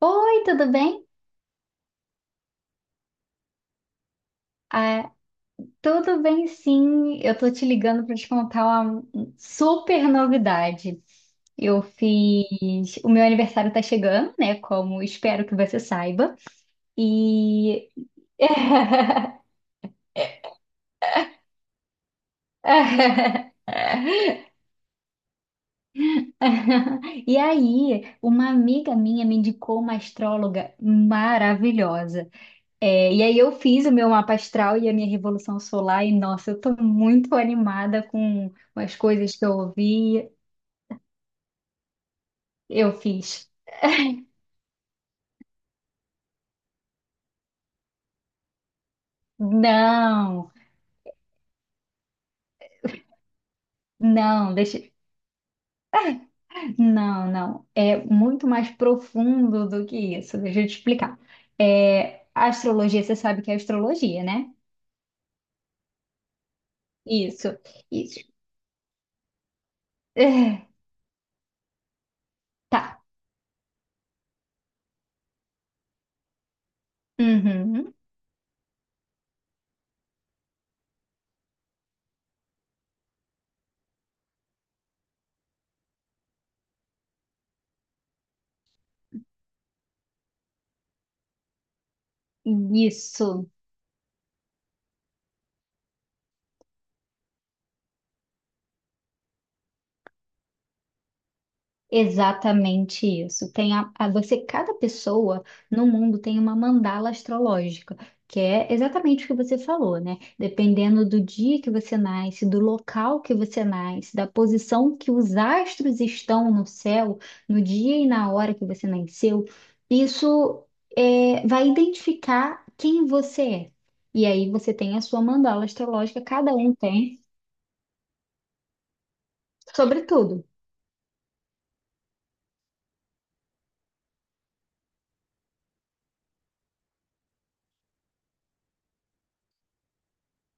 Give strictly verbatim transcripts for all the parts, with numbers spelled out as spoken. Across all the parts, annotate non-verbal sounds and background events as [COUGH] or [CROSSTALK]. Oi, tudo bem? Ah, tudo bem, sim. Eu tô te ligando para te contar uma super novidade. Eu fiz. O meu aniversário tá chegando, né? Como espero que você saiba. E. [LAUGHS] [LAUGHS] E aí, uma amiga minha me indicou uma astróloga maravilhosa. É, e aí eu fiz o meu mapa astral e a minha revolução solar, e nossa, eu tô muito animada com com as coisas que eu ouvi. Eu fiz. Não, não, deixa. Não, não. É muito mais profundo do que isso. Deixa eu te explicar. É, a astrologia, você sabe que é astrologia, né? Isso. Isso. É, tá. Uhum. Isso. Exatamente isso. Tem a, a- você, cada pessoa no mundo tem uma mandala astrológica, que é exatamente o que você falou, né? Dependendo do dia que você nasce, do local que você nasce, da posição que os astros estão no céu, no dia e na hora que você nasceu, isso é, vai identificar quem você é. E aí você tem a sua mandala astrológica, cada um tem, sobre tudo.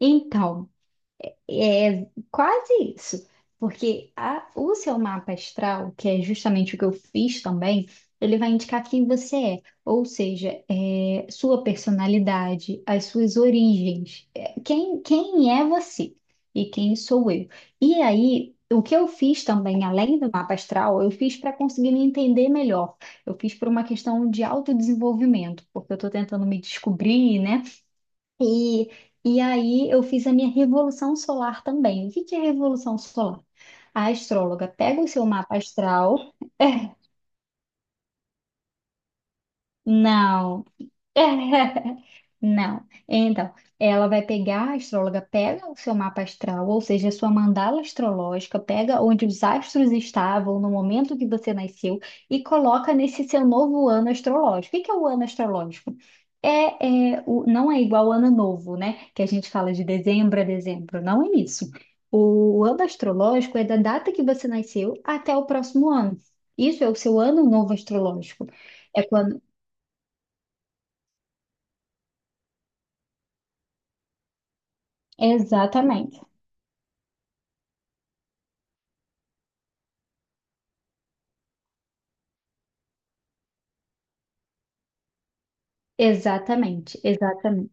Então. É quase isso, porque a- o seu mapa astral, que é justamente o que eu fiz também, ele vai indicar quem você é, ou seja, é, sua personalidade, as suas origens, é, quem, quem é você e quem sou eu. E aí, o que eu fiz também, além do mapa astral, eu fiz para conseguir me entender melhor, eu fiz por uma questão de autodesenvolvimento, porque eu estou tentando me descobrir, né? E, e aí eu fiz a minha revolução solar também. O que que é revolução solar? A astróloga pega o seu mapa astral. [LAUGHS] É. Não. [LAUGHS] Não. Então, ela vai pegar, a astróloga pega o seu mapa astral, ou seja, a sua mandala astrológica, pega onde os astros estavam no momento que você nasceu e coloca nesse seu novo ano astrológico. O que que é o ano astrológico? É, é, o, não é igual ao ano novo, né? Que a gente fala de dezembro a dezembro. Não é isso. O ano astrológico é da data que você nasceu até o próximo ano. Isso é o seu ano novo astrológico. É quando. Exatamente. Exatamente, exatamente.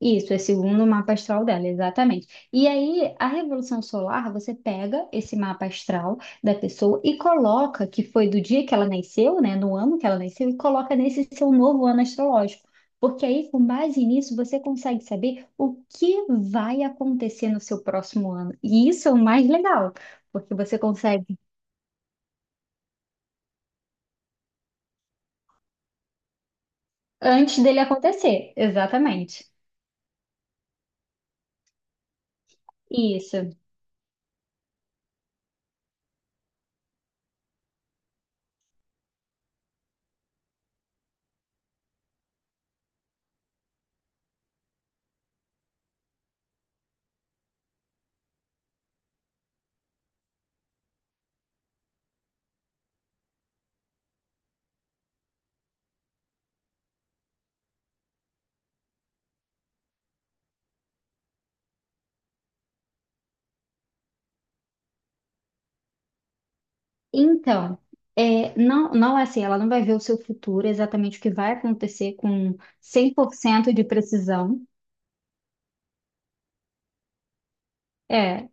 Isso, é segundo o mapa astral dela, exatamente. E aí, a revolução solar, você pega esse mapa astral da pessoa e coloca que foi do dia que ela nasceu, né, no ano que ela nasceu, e coloca nesse seu novo ano astrológico. Porque aí, com base nisso, você consegue saber o que vai acontecer no seu próximo ano. E isso é o mais legal, porque você consegue antes dele acontecer, exatamente. Isso. Então, é, não, não é assim, ela não vai ver o seu futuro, exatamente o que vai acontecer com cem por cento de precisão. É,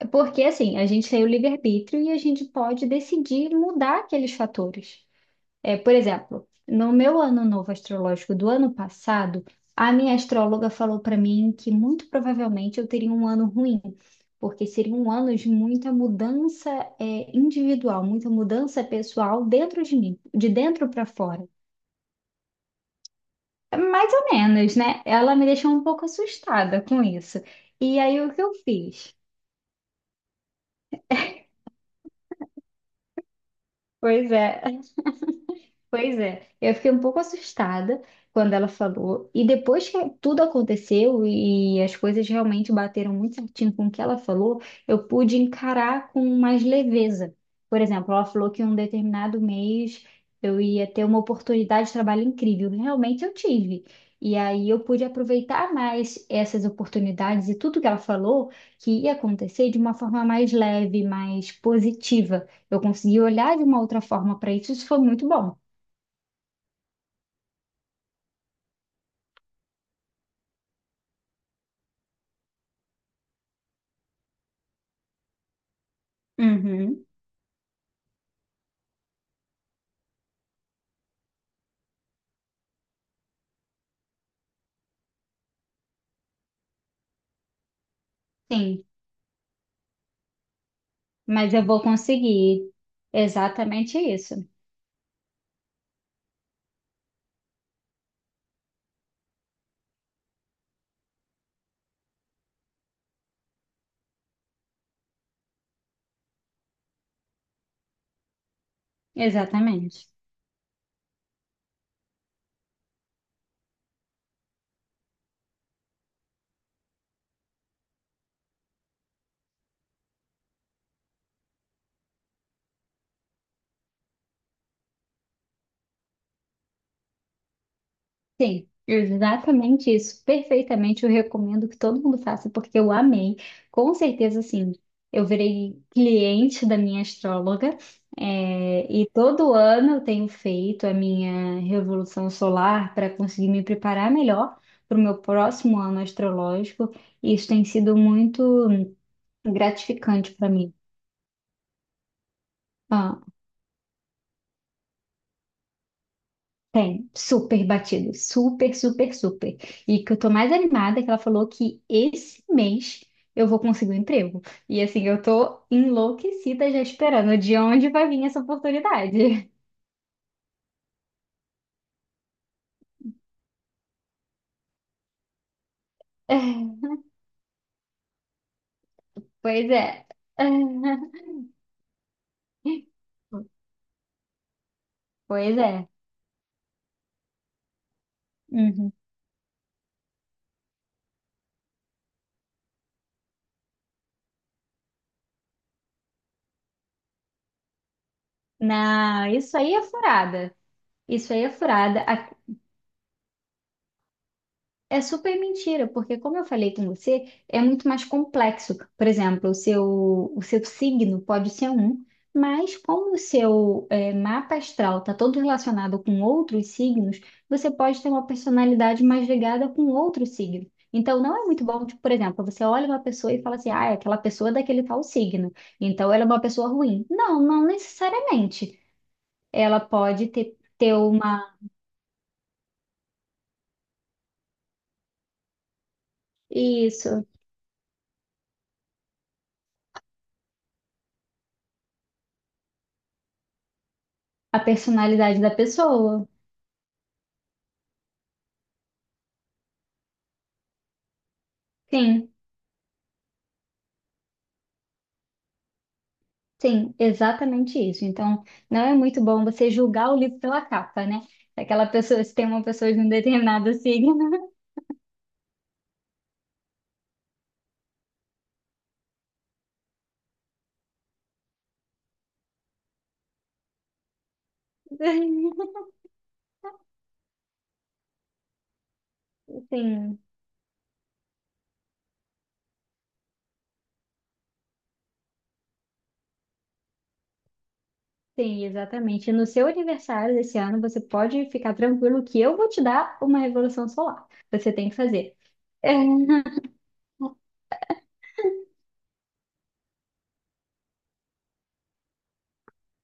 é porque assim, a gente tem o livre-arbítrio e a gente pode decidir mudar aqueles fatores. É, por exemplo, no meu ano novo astrológico do ano passado, a minha astróloga falou para mim que muito provavelmente eu teria um ano ruim, porque seria um ano de muita mudança, é, individual, muita mudança pessoal dentro de mim, de dentro para fora. Mais ou menos, né? Ela me deixou um pouco assustada com isso. E aí o que eu fiz? Pois é, pois é, eu fiquei um pouco assustada quando ela falou, e depois que tudo aconteceu e as coisas realmente bateram muito certinho com o que ela falou, eu pude encarar com mais leveza. Por exemplo, ela falou que em um determinado mês eu ia ter uma oportunidade de trabalho incrível, realmente eu tive. E aí eu pude aproveitar mais essas oportunidades e tudo que ela falou que ia acontecer de uma forma mais leve, mais positiva. Eu consegui olhar de uma outra forma para isso, isso foi muito bom. Uhum, sim, mas eu vou conseguir. Exatamente isso. Exatamente. Sim, exatamente isso. Perfeitamente, eu recomendo que todo mundo faça, porque eu amei. Com certeza, sim. Eu virei cliente da minha astróloga, é, e todo ano eu tenho feito a minha revolução solar para conseguir me preparar melhor para o meu próximo ano astrológico, e isso tem sido muito gratificante para mim. Ah, tem, super batido, super, super, super. E que eu tô mais animada é que ela falou que esse mês eu vou conseguir um emprego. E assim, eu tô enlouquecida já esperando de onde vai vir essa oportunidade. [LAUGHS] Pois é. [LAUGHS] Pois é. Uhum. Não, isso aí é furada. Isso aí é furada. É super mentira, porque como eu falei com você, é muito mais complexo. Por exemplo, o seu, o seu signo pode ser um, mas como o seu eh, mapa astral está todo relacionado com outros signos, você pode ter uma personalidade mais ligada com outro signo. Então, não é muito bom, tipo, por exemplo, você olha uma pessoa e fala assim, ah, é aquela pessoa daquele tal signo, então ela é uma pessoa ruim. Não, não necessariamente. Ela pode ter, ter uma... Isso, a personalidade da pessoa. Sim. Sim, exatamente isso. Então, não é muito bom você julgar o livro pela capa, né? Aquela pessoa, se tem uma pessoa de um determinado signo. [LAUGHS] Sim, sim, exatamente. No seu aniversário desse ano, você pode ficar tranquilo que eu vou te dar uma revolução solar. Você tem que fazer.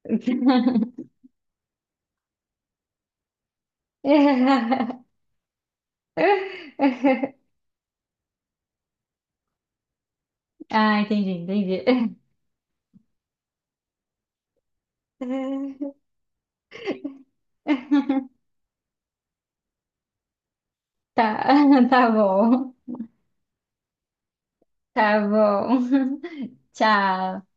[LAUGHS] Ah, entendi, entendi. [LAUGHS] Tá, [LAUGHS] tá bom. Tá bom. [LAUGHS] Tchau.